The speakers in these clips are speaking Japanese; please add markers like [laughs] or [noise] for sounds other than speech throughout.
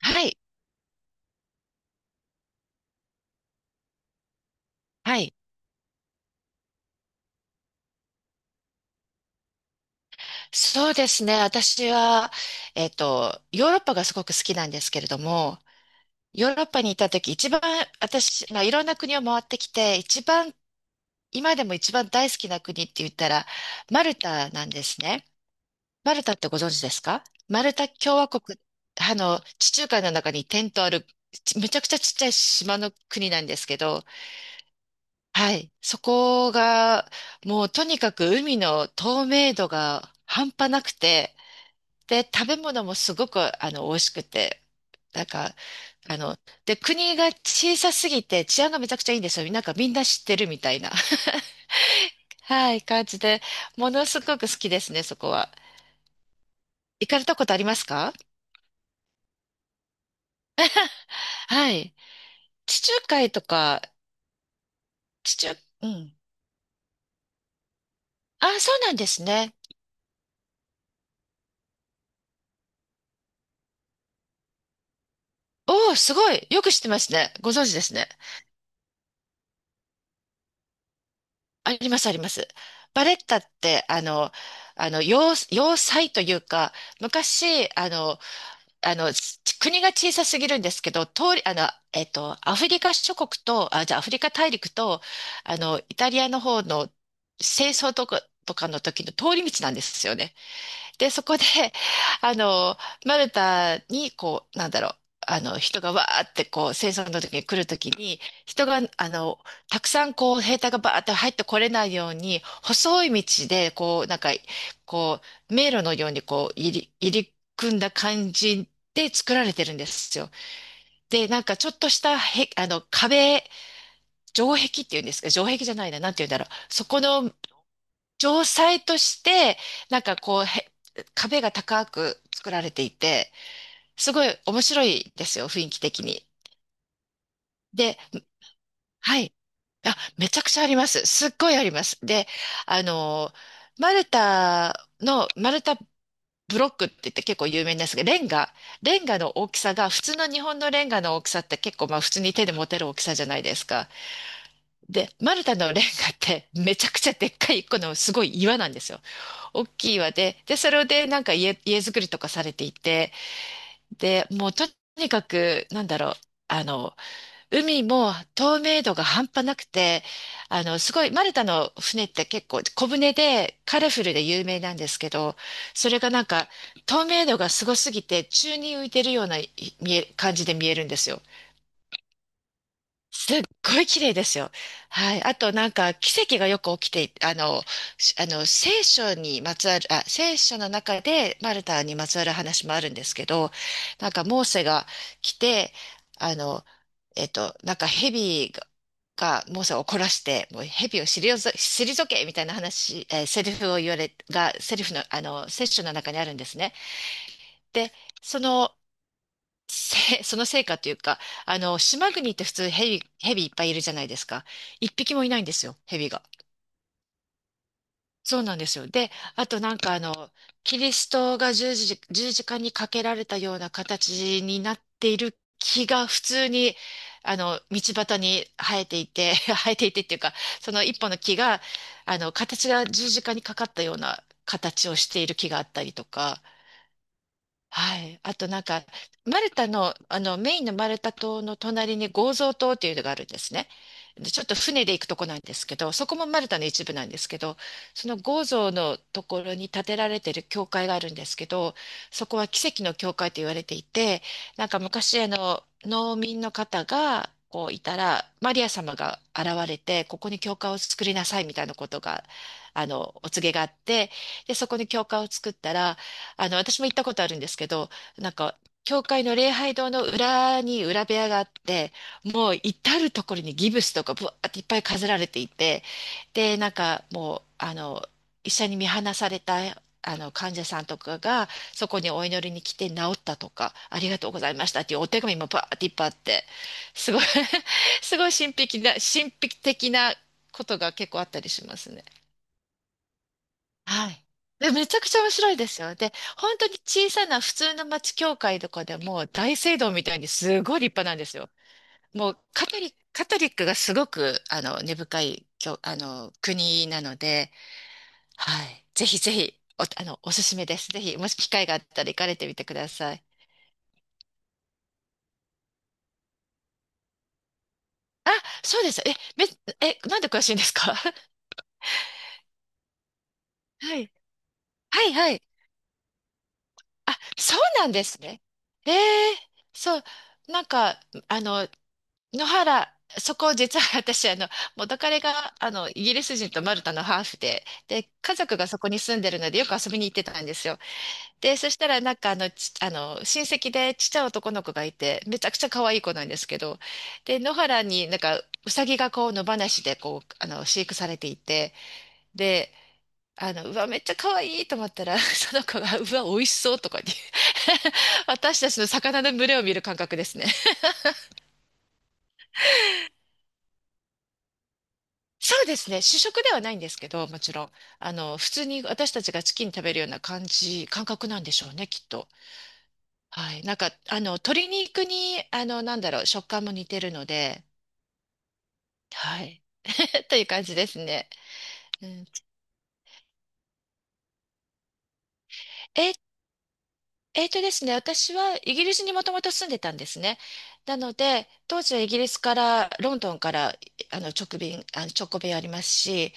はい。はい。そうですね。私は、ヨーロッパがすごく好きなんですけれども、ヨーロッパにいた時、一番私、まあ、いろんな国を回ってきて、一番、今でも一番大好きな国って言ったら、マルタなんですね。マルタってご存知ですか？マルタ共和国、地中海の中に点とある、めちゃくちゃちっちゃい島の国なんですけど、はい。そこが、もうとにかく海の透明度が半端なくて、で、食べ物もすごく、美味しくて、なんか、あの、で、国が小さすぎて治安がめちゃくちゃいいんですよ。なんかみんな知ってるみたいな、[laughs] はい、感じで、ものすごく好きですね、そこは。行かれたことありますか？はい。地中海とか、地中、うん。あ、そうなんですね。おお、すごい。よく知ってますね。ご存知ですね。あります、あります。バレッタって、要塞というか、昔、あの、国が小さすぎるんですけど、アフリカ諸国と、あ、じゃあアフリカ大陸と、イタリアの方の戦争とか、とかの時の通り道なんですよね。で、そこで、[laughs] あの、マルタに、こう、なんだろう、人がわーって、こう、戦争の時に来る時に、人が、たくさん、こう、兵隊がバーって入ってこれないように、細い道で、こう、なんか、こう、迷路のように、こう、入り組んだ感じで作られてるんですよ。で、なんか、ちょっとした、へ、あの、壁、城壁っていうんですか、城壁じゃないな、なんて言うんだろう。そこの城塞として、なんかこう、壁が高く作られていて、すごい面白いですよ、雰囲気的に。で、はい。あ、めちゃくちゃあります。すっごいあります。で、あの、マルタブロックって言って結構有名なんですが、レンガの大きさが、普通の日本のレンガの大きさって結構まあ普通に手で持てる大きさじゃないですか。で、マルタのレンガってめちゃくちゃでっかい、このすごい岩なんですよ。大きい輪で、で、それでなんか家作りとかされていて、で、もうとにかく、なんだろう、あの、海も透明度が半端なくて、すごい、マルタの船って結構小舟でカラフルで有名なんですけど、それがなんか透明度がすごすぎて宙に浮いてるような感じで見えるんですよ。すっごい綺麗ですよ。はい。あとなんか奇跡がよく起きてい、あの、しあの、聖書にまつわる、あ、聖書の中でマルタにまつわる話もあるんですけど、なんかモーセが来て、あの、なんか蛇がモーセを怒らして、もう蛇を退けみたいな話、セリフを言われ、が、セリフの、聖書の中にあるんですね。で、その、[laughs] その成果というか、島国って普通ヘビいっぱいいるじゃないですか。一匹もいないんですよ、ヘビが。そうなんですよ。で、あとなんかキリストが十字架にかけられたような形になっている木が普通に、道端に生えていて、[laughs] 生えていてっていうか、その一本の木が、形が十字架にかかったような形をしている木があったりとか、はい。あとなんか、マルタの、あの、メインのマルタ島の隣にゴーゾー島っていうのがあるんですね。で、ちょっと船で行くとこなんですけど、そこもマルタの一部なんですけど、そのゴーゾーのところに建てられてる教会があるんですけど、そこは奇跡の教会と言われていて、なんか昔、農民の方が、こういたら、マリア様が現れて、ここに教会を作りなさいみたいなことが、お告げがあって、で、そこに教会を作ったら、私も行ったことあるんですけど、なんか、教会の礼拝堂の裏に裏部屋があって、もう至るところにギブスとかぶわーっていっぱい飾られていて、で、なんかもう、医者に見放された、患者さんとかが、そこにお祈りに来て治ったとか、ありがとうございましたっていうお手紙もバーっていっぱいあって、すごい [laughs] すごい神秘的なことが結構あったりしますね。はい。で、めちゃくちゃ面白いですよ。で、本当に小さな普通の町教会とかでも大聖堂みたいにすごい立派なんですよ。もうカトリックがすごく、根深い教、あの、国なので、はい。ぜひぜひ、お、あの、おすすめです。ぜひ、もし機会があったら行かれてみてください。あ、そうです。え、め、え、なんで詳しいんですか？ [laughs] はい。はいはい。あ、そうなんですね。ええ、そう。なんか、あの、野原、そこ実は私、元彼が、イギリス人とマルタのハーフで、で、家族がそこに住んでるので、よく遊びに行ってたんですよ。で、そしたら、なんか、あの、ち、あの、親戚でちっちゃい男の子がいて、めちゃくちゃ可愛い子なんですけど、で、野原になんか、ウサギがこう、野放しで、こう、飼育されていて、で、うわ、めっちゃ可愛いと思ったら、[laughs] その子が、うわ、美味しそうとかに [laughs] 私たちの魚の群れを見る感覚ですね。そうですね。主食ではないんですけど、もちろん。普通に私たちがチキン食べるような感覚なんでしょうね、きっと。はい。なんか、鶏肉に、なんだろう、食感も似てるので、はい。[laughs] という感じですね。うん、え、えーとですね、私はイギリスにもともと住んでたんですね。なので、当時はイギリスから、ロンドンから、直行便ありますし、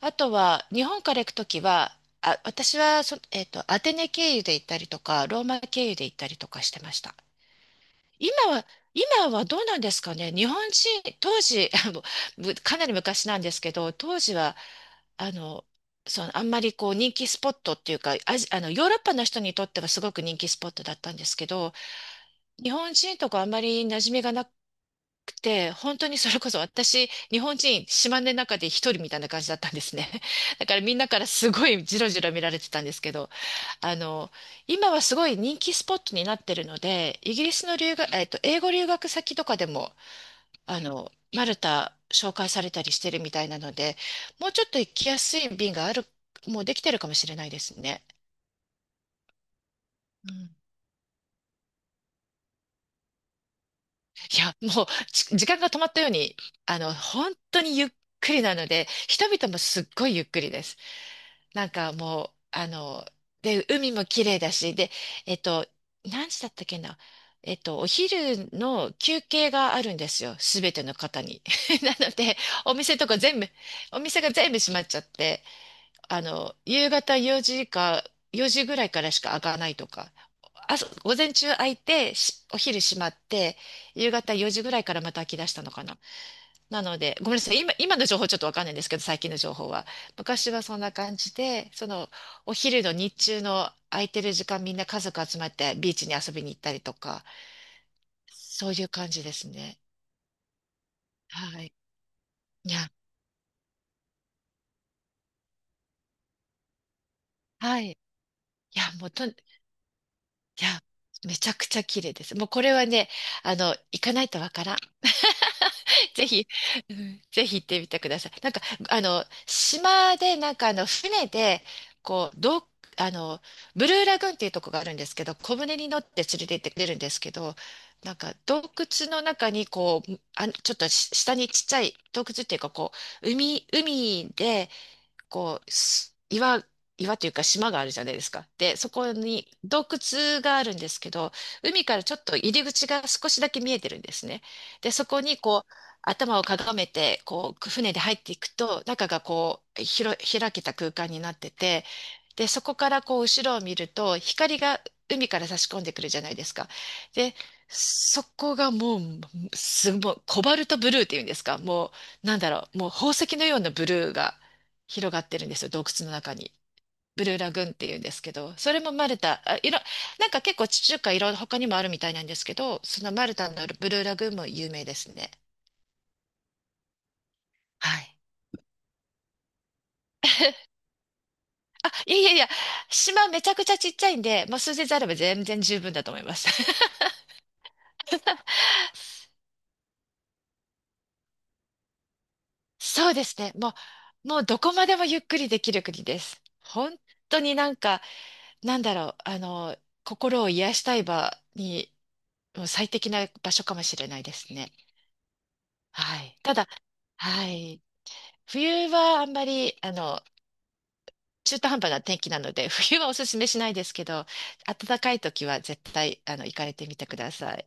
あとは、日本から行くときは、あ、私はそ、えっと、アテネ経由で行ったりとか、ローマ経由で行ったりとかしてました。今は、どうなんですかね。日本人、当時、[laughs] あのむかなり昔なんですけど、当時は、あの、あんまりこう人気スポットっていうか、ヨーロッパの人にとってはすごく人気スポットだったんですけど、日本人とかあんまり馴染みがなくて、本当にそれこそ私、日本人、島根の中で一人みたいな感じだったんですね。[laughs] だからみんなからすごいジロジロ見られてたんですけど、あの、今はすごい人気スポットになってるので、イギリスの留学、英語留学先とかでも、マルタ紹介されたりしてるみたいなので、もうちょっと行きやすい便がある、もうできてるかもしれないですね。うん、いや、もう、時間が止まったように、本当にゆっくりなので、人々もすっごいゆっくりです。なんかもう、で、海も綺麗だし、で、えっと、何時だったっけな。お昼の休憩があるんですよ。すべての方に。[laughs] なので、お店とか全部、お店が全部閉まっちゃって、夕方4時か、4時ぐらいからしか開かないとか、朝、午前中開いて、お昼閉まって、夕方4時ぐらいからまた開き出したのかな。なので、ごめんなさい。今の情報ちょっとわかんないんですけど、最近の情報は。昔はそんな感じで、その、お昼の日中の空いてる時間みんな家族集まってビーチに遊びに行ったりとか、そういう感じですね。はい。いや、はい。いや、もうと、いや、めちゃくちゃ綺麗です。もうこれはね、行かないとわからん。[laughs] ぜひ、うんぜひ行ってみてください。なんか、島で、なんか、船で、こう、どう、あの、ブルーラグーンっていうとこがあるんですけど、小舟に乗って連れて行ってくれるんですけど、なんか、洞窟の中に、こう、あ、ちょっと下にちっちゃい洞窟っていうか、こう、海で、こう、岩、岩というか島があるじゃないですか。で、そこに洞窟があるんですけど、海からちょっと入り口が少しだけ見えてるんですね。で、そこにこう、頭をかがめて、こう、船で入っていくと、中がこう、開けた空間になってて、で、そこからこう、後ろを見ると、光が海から差し込んでくるじゃないですか。で、そこがもう、すごい、コバルトブルーっていうんですか、もう、なんだろう、もう宝石のようなブルーが広がってるんですよ、洞窟の中に。ブルーラグーンっていうんですけど、それもマルタ、なんか結構地中海いろいろ他にもあるみたいなんですけど、そのマルタのブルーラグーンも有名ですね。はい。あ、いやいやいや、島めちゃくちゃちっちゃいんで、もう数日あれば全然十分だと思います。[laughs] そうですね。もう、もうどこまでもゆっくりできる国です。本当になんか、なんだろう、心を癒したい場に、もう最適な場所かもしれないですね。はい。ただ、はい。冬はあんまり、中途半端な天気なので、冬はおすすめしないですけど、暖かい時は絶対、行かれてみてください。